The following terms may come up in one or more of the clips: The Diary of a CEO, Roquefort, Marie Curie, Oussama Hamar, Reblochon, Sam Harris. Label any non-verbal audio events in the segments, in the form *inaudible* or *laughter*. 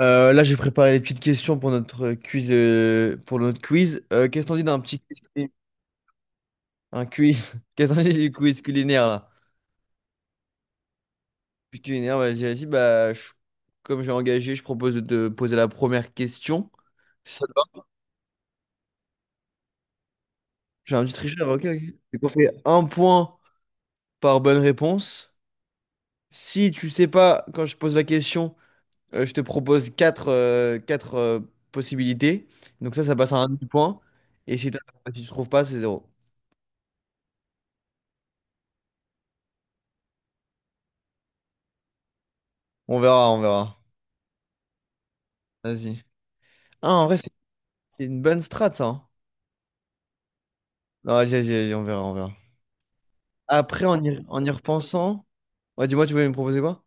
Là, j'ai préparé des petites questions pour notre quiz. Qu'est-ce qu'on dit d'un petit quiz, un quiz? *laughs* Qu'est-ce qu'on dit du quiz culinaire là? Puis culinaire, vas-y, vas-y. Bah, comme j'ai engagé, je propose de te poser la première question. Si ça te va? J'ai un petit tricheur. Ok, ok. Donc, on fait un point par bonne réponse. Si tu sais pas quand je pose la question, je te propose quatre possibilités. Donc ça passe à un demi-point. Et si, si tu trouves pas, c'est zéro. On verra, on verra. Vas-y. Ah, en vrai, c'est une bonne strat, ça, hein. Non, vas-y, vas-y, vas-y, on verra, on verra. Après, en y repensant. Ouais, dis-moi, tu voulais me proposer quoi?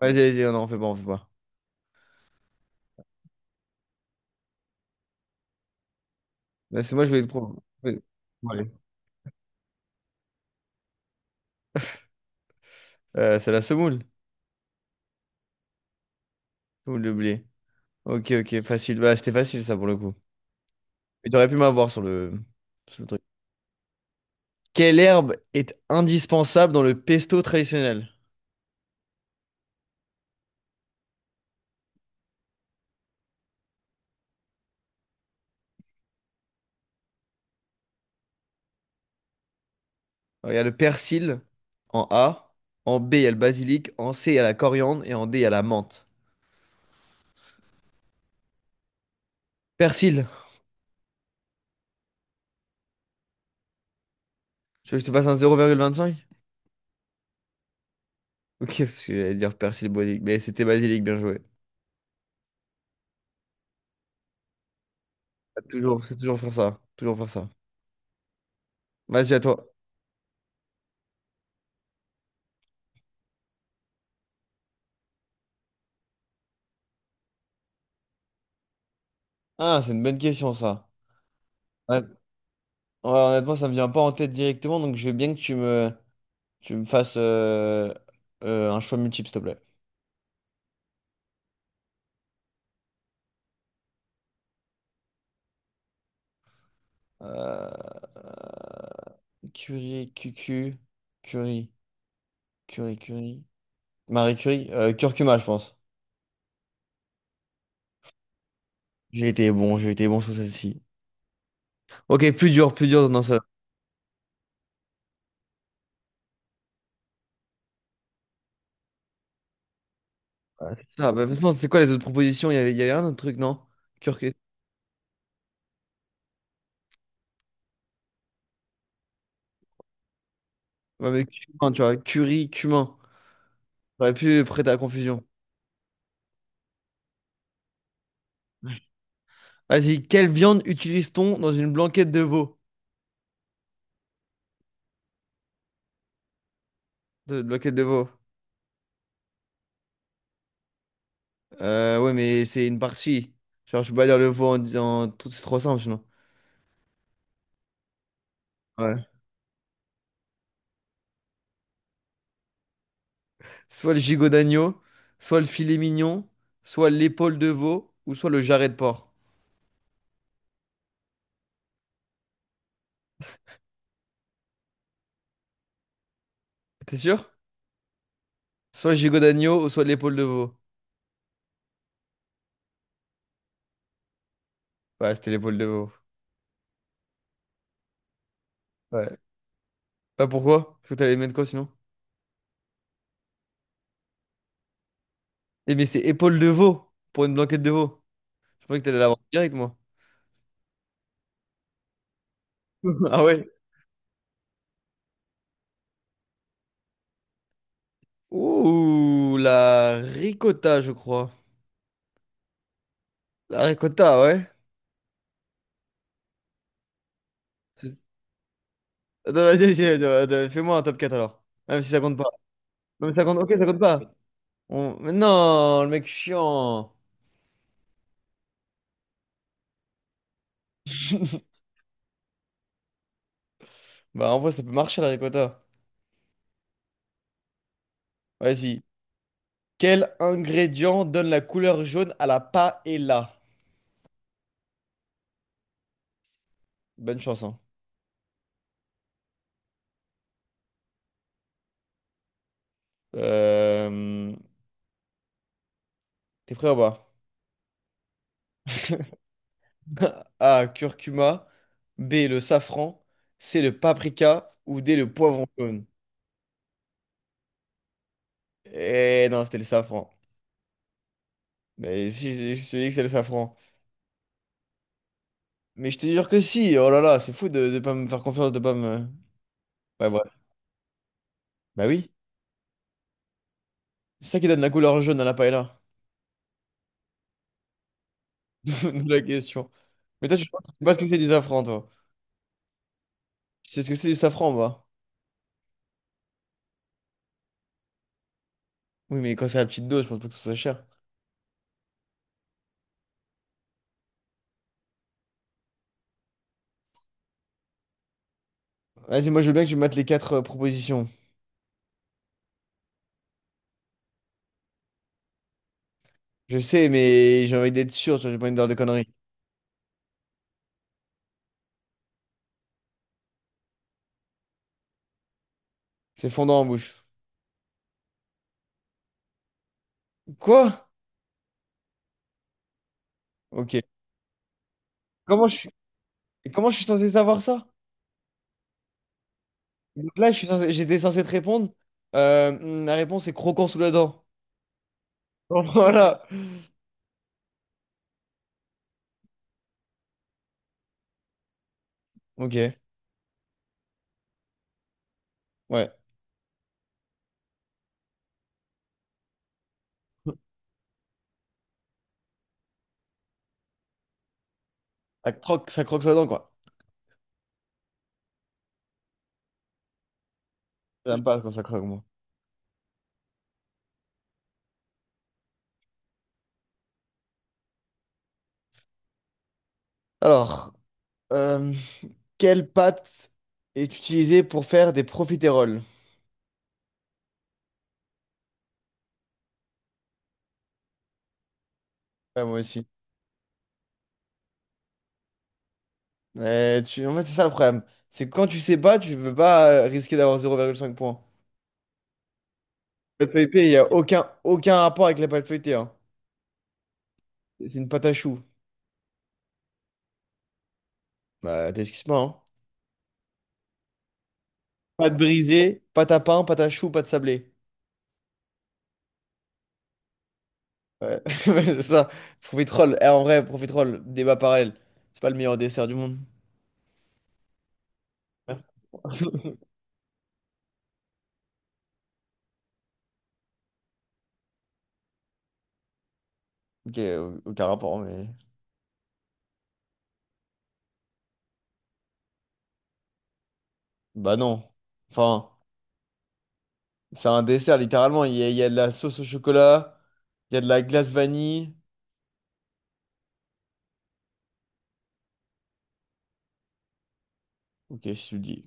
Vas-y, vas-y, non, on fait pas, on fait pas. Là, c'est moi, je vais te proposer. C'est la semoule. Semoule de blé. Ok, ok, facile. Bah, c'était facile, ça, pour le coup. Mais t'aurais pu m'avoir sur le truc. Quelle herbe est indispensable dans le pesto traditionnel? Alors, il y a le persil en A, en B, il y a le basilic, en C, il y a la coriandre et en D, il y a la menthe. Persil, tu veux que je te fasse un 0,25? Ok, parce que j'allais dire persil basilic, mais c'était basilic, bien joué. C'est toujours faire ça, toujours faire ça. Vas-y, à toi. Ah, c'est une bonne question, ça. Ouais, ouais, honnêtement, ça me vient pas en tête directement, donc je veux bien que tu me fasses un choix multiple, s'il te plaît. Euh, Curie, cucu, Curie, Curie, Curie. Marie Curie, curcuma, je pense. J'ai été bon sur celle-ci. Ok, plus dur dans celle-là. Ouais, c'est ça, bah, de toute façon, c'est quoi les autres propositions? Il y avait un autre truc, non? Curcuma. Ouais, mais cumin, tu vois, curry, cumin. J'aurais pu prêter à la confusion. Vas-y, quelle viande utilise-t-on dans une blanquette de veau? De blanquette de veau. Ouais, mais c'est une partie. Genre, je peux pas dire le veau en disant tout, c'est trop simple, sinon. Ouais. Soit le gigot d'agneau, soit le filet mignon, soit l'épaule de veau, ou soit le jarret de porc. T'es sûr? Soit le gigot d'agneau, ou soit l'épaule de veau. Ouais, c'était l'épaule de veau. Ouais. Bah pourquoi? Parce que t'allais mettre quoi sinon? Eh, mais c'est épaule de veau pour une blanquette de veau. Je pensais que t'allais l'avoir direct, moi. *laughs* Ah ouais. Ouh, la ricotta, je crois. La ricotta, ouais. C'est- Attends, vas-y, vas-y, attends, attends, fais-moi un top 4 alors. Même si ça compte pas. Non, mais ça compte. Ok, ça compte pas. Mais non, le mec chiant. *laughs* Bah, en vrai, ça peut marcher la ricotta. Vas-y. Quel ingrédient donne la couleur jaune à la paella? Bonne chance, hein. Euh, T'es prêt ou pas? *laughs* A. Curcuma. B. Le safran. C. Le paprika. Ou D. Le poivron jaune. Eh non, c'était le safran. Mais si, je te dis que c'est le safran. Mais je te jure que si, oh là là, c'est fou de ne pas me faire confiance, de pas me... Ouais, ouais. Bah oui, c'est ça qui donne la couleur jaune à la paella, *laughs* de la question. Mais toi, tu sais pas ce que c'est du safran, toi. Tu sais ce que c'est du safran, moi. Oui, mais quand c'est à petite dose, je pense pas que ce soit cher. Vas-y, moi, je veux bien que tu mates les quatre propositions. Je sais, mais j'ai envie d'être sûr, tu vois, j'ai pas envie de dire de conneries. C'est fondant en bouche. Quoi? Ok. Comment je suis, comment je suis censé savoir ça? Donc là, j'étais censé te répondre. La réponse est croquant sous la dent. *laughs* Voilà. Ok, ouais. Ça croque sous la dent, quoi. J'aime pas quand ça croque, moi. Alors, euh, quelle pâte est utilisée pour faire des profiteroles? Ouais, moi aussi. En fait, c'est ça le problème. C'est que quand tu sais pas, tu veux pas risquer d'avoir 0,5 points. La pâte feuilletée, il n'y a aucun rapport avec la pâte feuilletée, hein. C'est une pâte à choux. Bah, t'excuses pas, hein. Pâte brisée, pâte à pain, pâte à choux, pâte sablée. Ouais, *laughs* c'est ça. Profiterole. Eh, en vrai, profiterole, débat parallèle. C'est pas le meilleur dessert du monde. *laughs* Ok, aucun rapport, mais. Bah non. Enfin, c'est un dessert, littéralement. Il y a de la sauce au chocolat, il y a de la glace vanille. Ok, si tu le dis.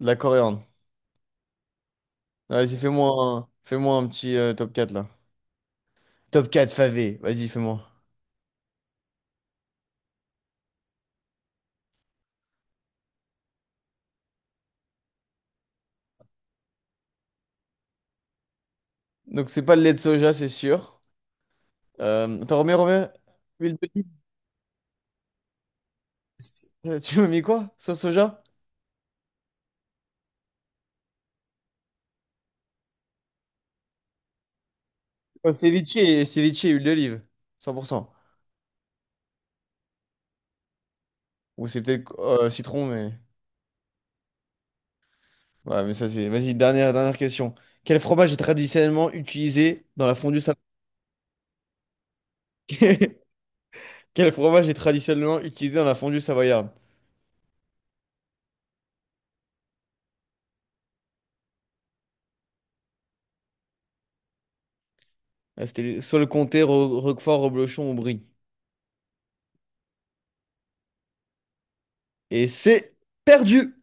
De la coriandre. Ah, vas-y, fais-moi un petit top 4 là. Top 4 favé, vas-y, fais-moi. Donc, c'est pas le lait de soja, c'est sûr. Attends, remets, remets. Huile d'olive. Tu m'as mis quoi? Sauce soja? Oh, ceviche et ceviche et huile d'olive. 100%. Ou c'est peut-être citron, mais. Ouais, mais ça c'est. Vas-y, dernière, dernière question. Quel fromage est traditionnellement utilisé dans la fondue savoyarde? *laughs* Quel fromage est traditionnellement utilisé dans la fondue savoyarde? Ah, c'était soit le comté, Roquefort, Reblochon ou Brie. Et c'est perdu!